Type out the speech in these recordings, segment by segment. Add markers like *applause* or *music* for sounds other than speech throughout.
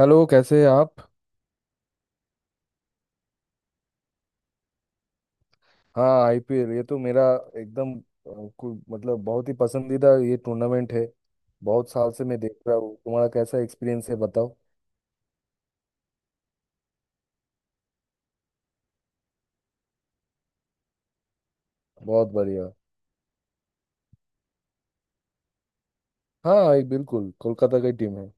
Hello, कैसे हैं आप। हाँ, आईपीएल ये तो मेरा एकदम मतलब बहुत ही पसंदीदा ये टूर्नामेंट है। बहुत साल से मैं देख रहा हूँ। तुम्हारा कैसा एक्सपीरियंस है, बताओ। बहुत बढ़िया। हाँ, एक बिल्कुल कोलकाता की टीम है।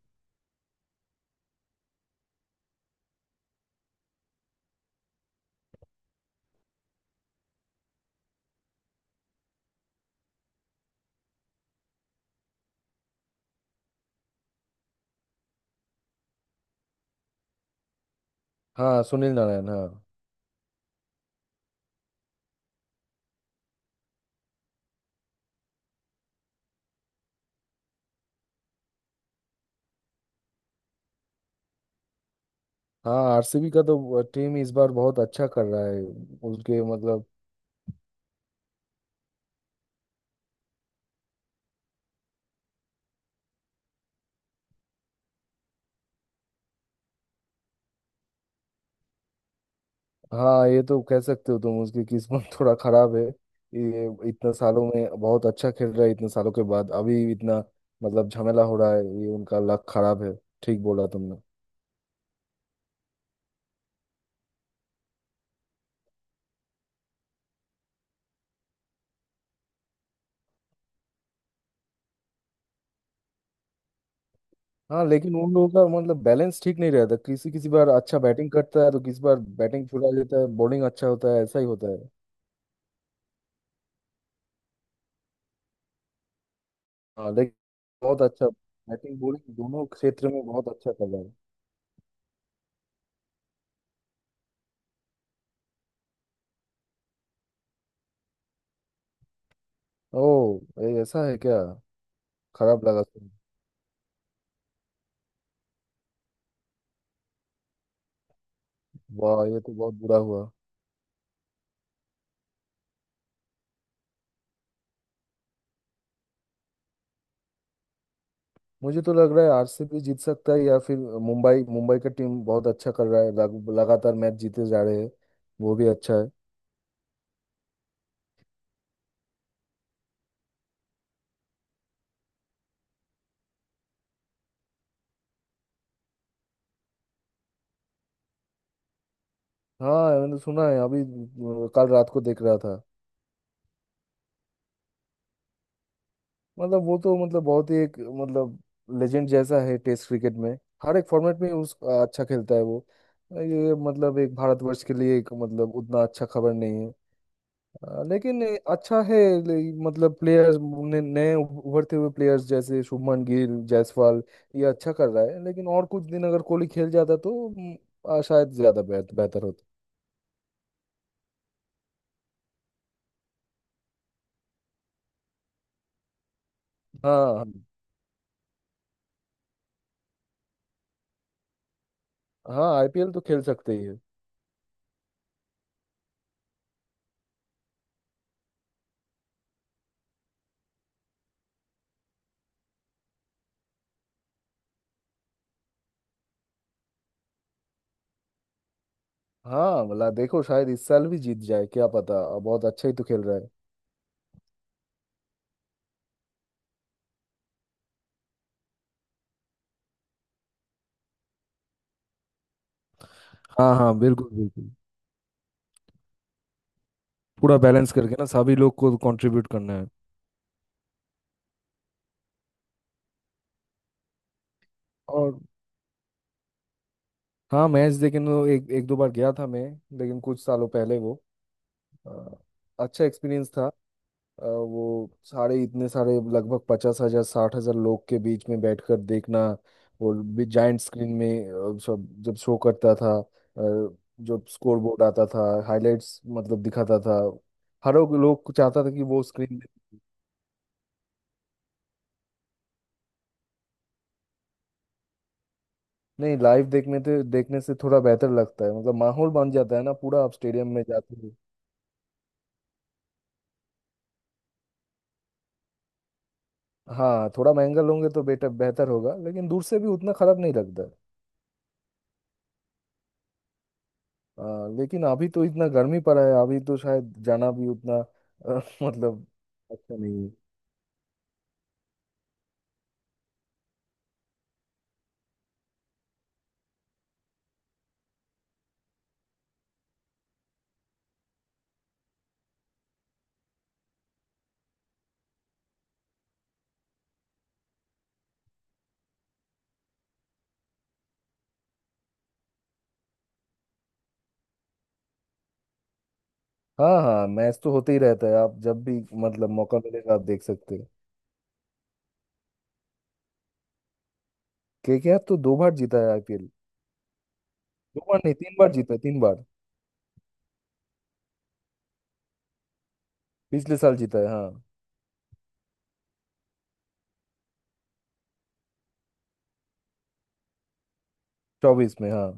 हाँ, सुनील नारायण, हाँ। हाँ, आरसीबी का तो टीम इस बार बहुत अच्छा कर रहा है। उनके मतलब। हाँ, ये तो कह सकते हो, तुम उसकी किस्मत *laughs* थोड़ा खराब है। ये इतने सालों में बहुत अच्छा खेल रहा है, इतने सालों के बाद अभी इतना मतलब झमेला हो रहा है, ये उनका लक खराब है। ठीक बोला तुमने। हाँ, लेकिन उन लोगों का मतलब बैलेंस ठीक नहीं रहता। किसी किसी बार अच्छा बैटिंग करता है तो किसी बार बैटिंग छुड़ा देता है, बॉलिंग अच्छा होता है, ऐसा ही होता है। हाँ लेकिन, बहुत अच्छा। बैटिंग बॉलिंग दोनों क्षेत्र में बहुत अच्छा कर रहा है। ओह, ये ऐसा है क्या। खराब लगा सुन। वाह, ये तो बहुत बुरा हुआ। मुझे तो लग रहा है आरसीबी जीत सकता है, या फिर मुंबई, मुंबई का टीम बहुत अच्छा कर रहा है, लगातार मैच जीते जा रहे हैं। वो भी अच्छा है। हाँ, मैंने सुना है। अभी कल रात को देख रहा था। मतलब वो तो मतलब बहुत ही एक मतलब लेजेंड जैसा है टेस्ट क्रिकेट में। हर एक फॉर्मेट में उस अच्छा खेलता है वो। ये मतलब एक भारतवर्ष के लिए एक मतलब उतना अच्छा खबर नहीं है। लेकिन ये अच्छा है। ले- मतलब प्लेयर्स ने नए उभरते हुए प्लेयर्स जैसे शुभमन गिल, जायसवाल, ये अच्छा कर रहा है, लेकिन और कुछ दिन अगर कोहली खेल जाता तो शायद ज्यादा बेहतर होता। हाँ हाँ, आईपीएल तो खेल सकते ही है। हाँ, भला देखो शायद इस साल भी जीत जाए क्या पता, बहुत अच्छा ही तो खेल रहा है। हाँ हाँ, बिल्कुल बिल्कुल। पूरा बैलेंस करके ना, सभी लोग को कंट्रीब्यूट करना है। और। हाँ, मैच देखने एक एक दो बार गया था मैं। लेकिन कुछ सालों पहले वो अ, अच्छा एक्सपीरियंस था। वो सारे, इतने सारे लगभग 50,000 60,000 लोग के बीच में बैठकर देखना। वो भी जाइंट स्क्रीन में, सब जब शो करता था, जब स्कोर बोर्ड आता था, हाइलाइट्स मतलब दिखाता था। हर एक लोग चाहता था कि वो स्क्रीन। नहीं, लाइव देखने थे देखने से थोड़ा बेहतर लगता है, मतलब माहौल बन जाता है ना, पूरा आप स्टेडियम में जाते हो। हाँ, थोड़ा महंगा लोगे तो बेटर बेहतर होगा, लेकिन दूर से भी उतना खराब नहीं लगता। आ, लेकिन अभी तो इतना गर्मी पड़ा है, अभी तो शायद जाना भी उतना *laughs* मतलब अच्छा नहीं है। हाँ हाँ, मैच तो होते ही रहता है आप जब भी, मतलब मौका मिलेगा, आप देख सकते हैं। केकेआर तो दो बार जीता है आईपीएल। दो बार नहीं, तीन बार जीता है, तीन बार। पिछले साल जीता है, हाँ। 24 में, हाँ।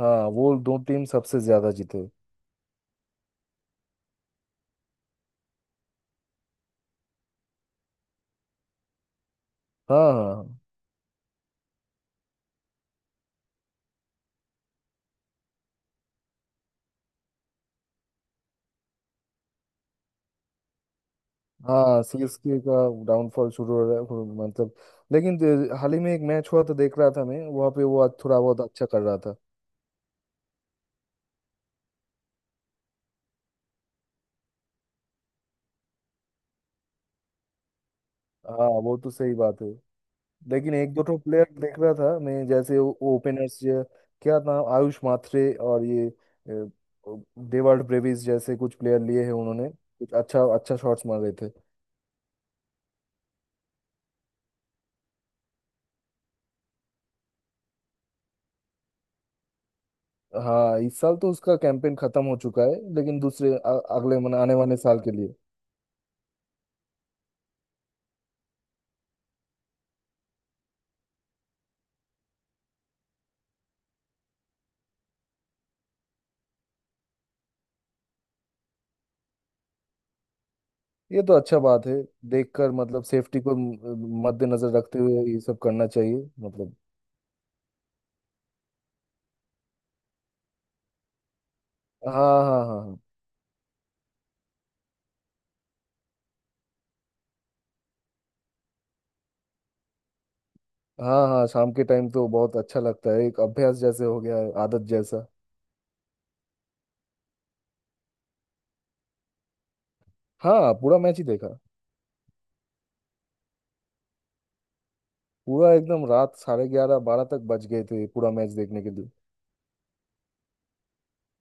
हाँ, वो दो टीम सबसे ज्यादा जीते। हाँ हाँ हाँ। सीएसके का डाउनफॉल शुरू हो रहा है, वो मतलब, लेकिन हाल ही में एक मैच हुआ तो देख रहा था मैं वहाँ पे, वो आज थोड़ा बहुत अच्छा कर रहा था। हाँ, वो तो सही बात है। लेकिन एक दो ठो प्लेयर देख रहा था मैं, जैसे ओपनर्स, क्या नाम, आयुष माथरे, और ये डेवाल्ड ब्रेविस जैसे कुछ प्लेयर लिए हैं उन्होंने, कुछ अच्छा अच्छा शॉट्स मार रहे थे। हाँ, इस साल तो उसका कैंपेन खत्म हो चुका है, लेकिन दूसरे अगले मन आने वाले साल के लिए। ये तो अच्छा बात है। देखकर मतलब सेफ्टी को मद्देनजर रखते हुए ये सब करना चाहिए। मतलब। हाँ हाँ हाँ। हाँ हाँ हाँ, शाम के टाइम तो बहुत अच्छा लगता है, एक अभ्यास जैसे हो गया है, आदत जैसा। हाँ, पूरा मैच ही देखा। पूरा एकदम, रात 11:30 12 तक बज गए थे, पूरा मैच देखने के लिए।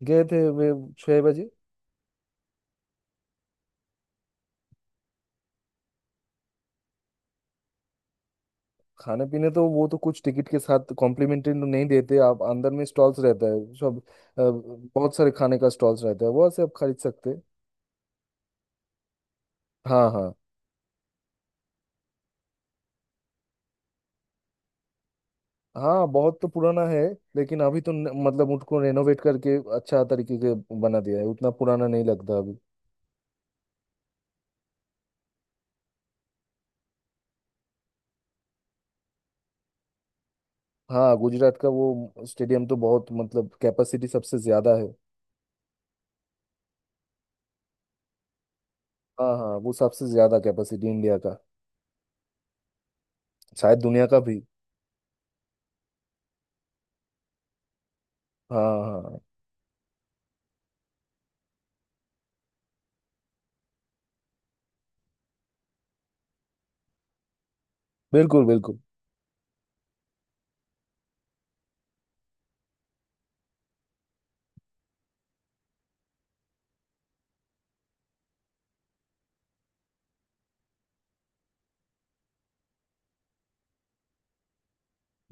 गए थे वे 6 बजे। खाने पीने तो वो तो कुछ, टिकट के साथ कॉम्प्लीमेंट्री तो नहीं देते, आप अंदर में स्टॉल्स रहता है सब। बहुत सारे खाने का स्टॉल्स रहता है, वो से आप खरीद सकते हैं। हाँ हाँ। हाँ, बहुत तो पुराना है। लेकिन अभी तो मतलब उनको रेनोवेट करके अच्छा तरीके के बना दिया है, उतना पुराना नहीं लगता अभी। हाँ, गुजरात का वो स्टेडियम तो बहुत मतलब, कैपेसिटी सबसे ज्यादा है। हाँ हाँ, वो सबसे ज्यादा कैपेसिटी इंडिया का, शायद दुनिया का भी। हाँ हाँ, बिल्कुल बिल्कुल।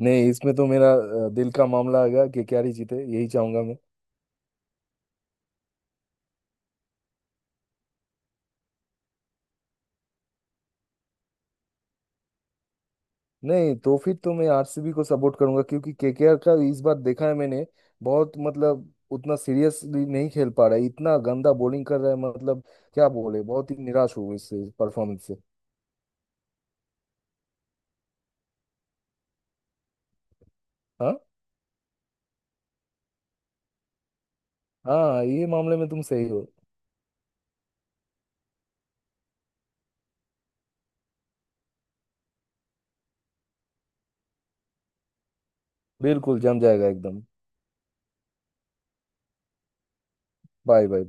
नहीं, इसमें तो मेरा दिल का मामला आएगा, केकेआर ही जीते, यही चाहूंगा मैं। नहीं तो फिर तो मैं आरसीबी को सपोर्ट करूंगा, क्योंकि केकेआर का इस बार देखा है मैंने, बहुत मतलब उतना सीरियसली नहीं खेल पा रहा है, इतना गंदा बॉलिंग कर रहा है, मतलब क्या बोले, बहुत ही निराश हुआ इससे परफॉर्मेंस से। हाँ हाँ, ये मामले में तुम सही हो। बिल्कुल, जम जाएगा एकदम। Bye bye.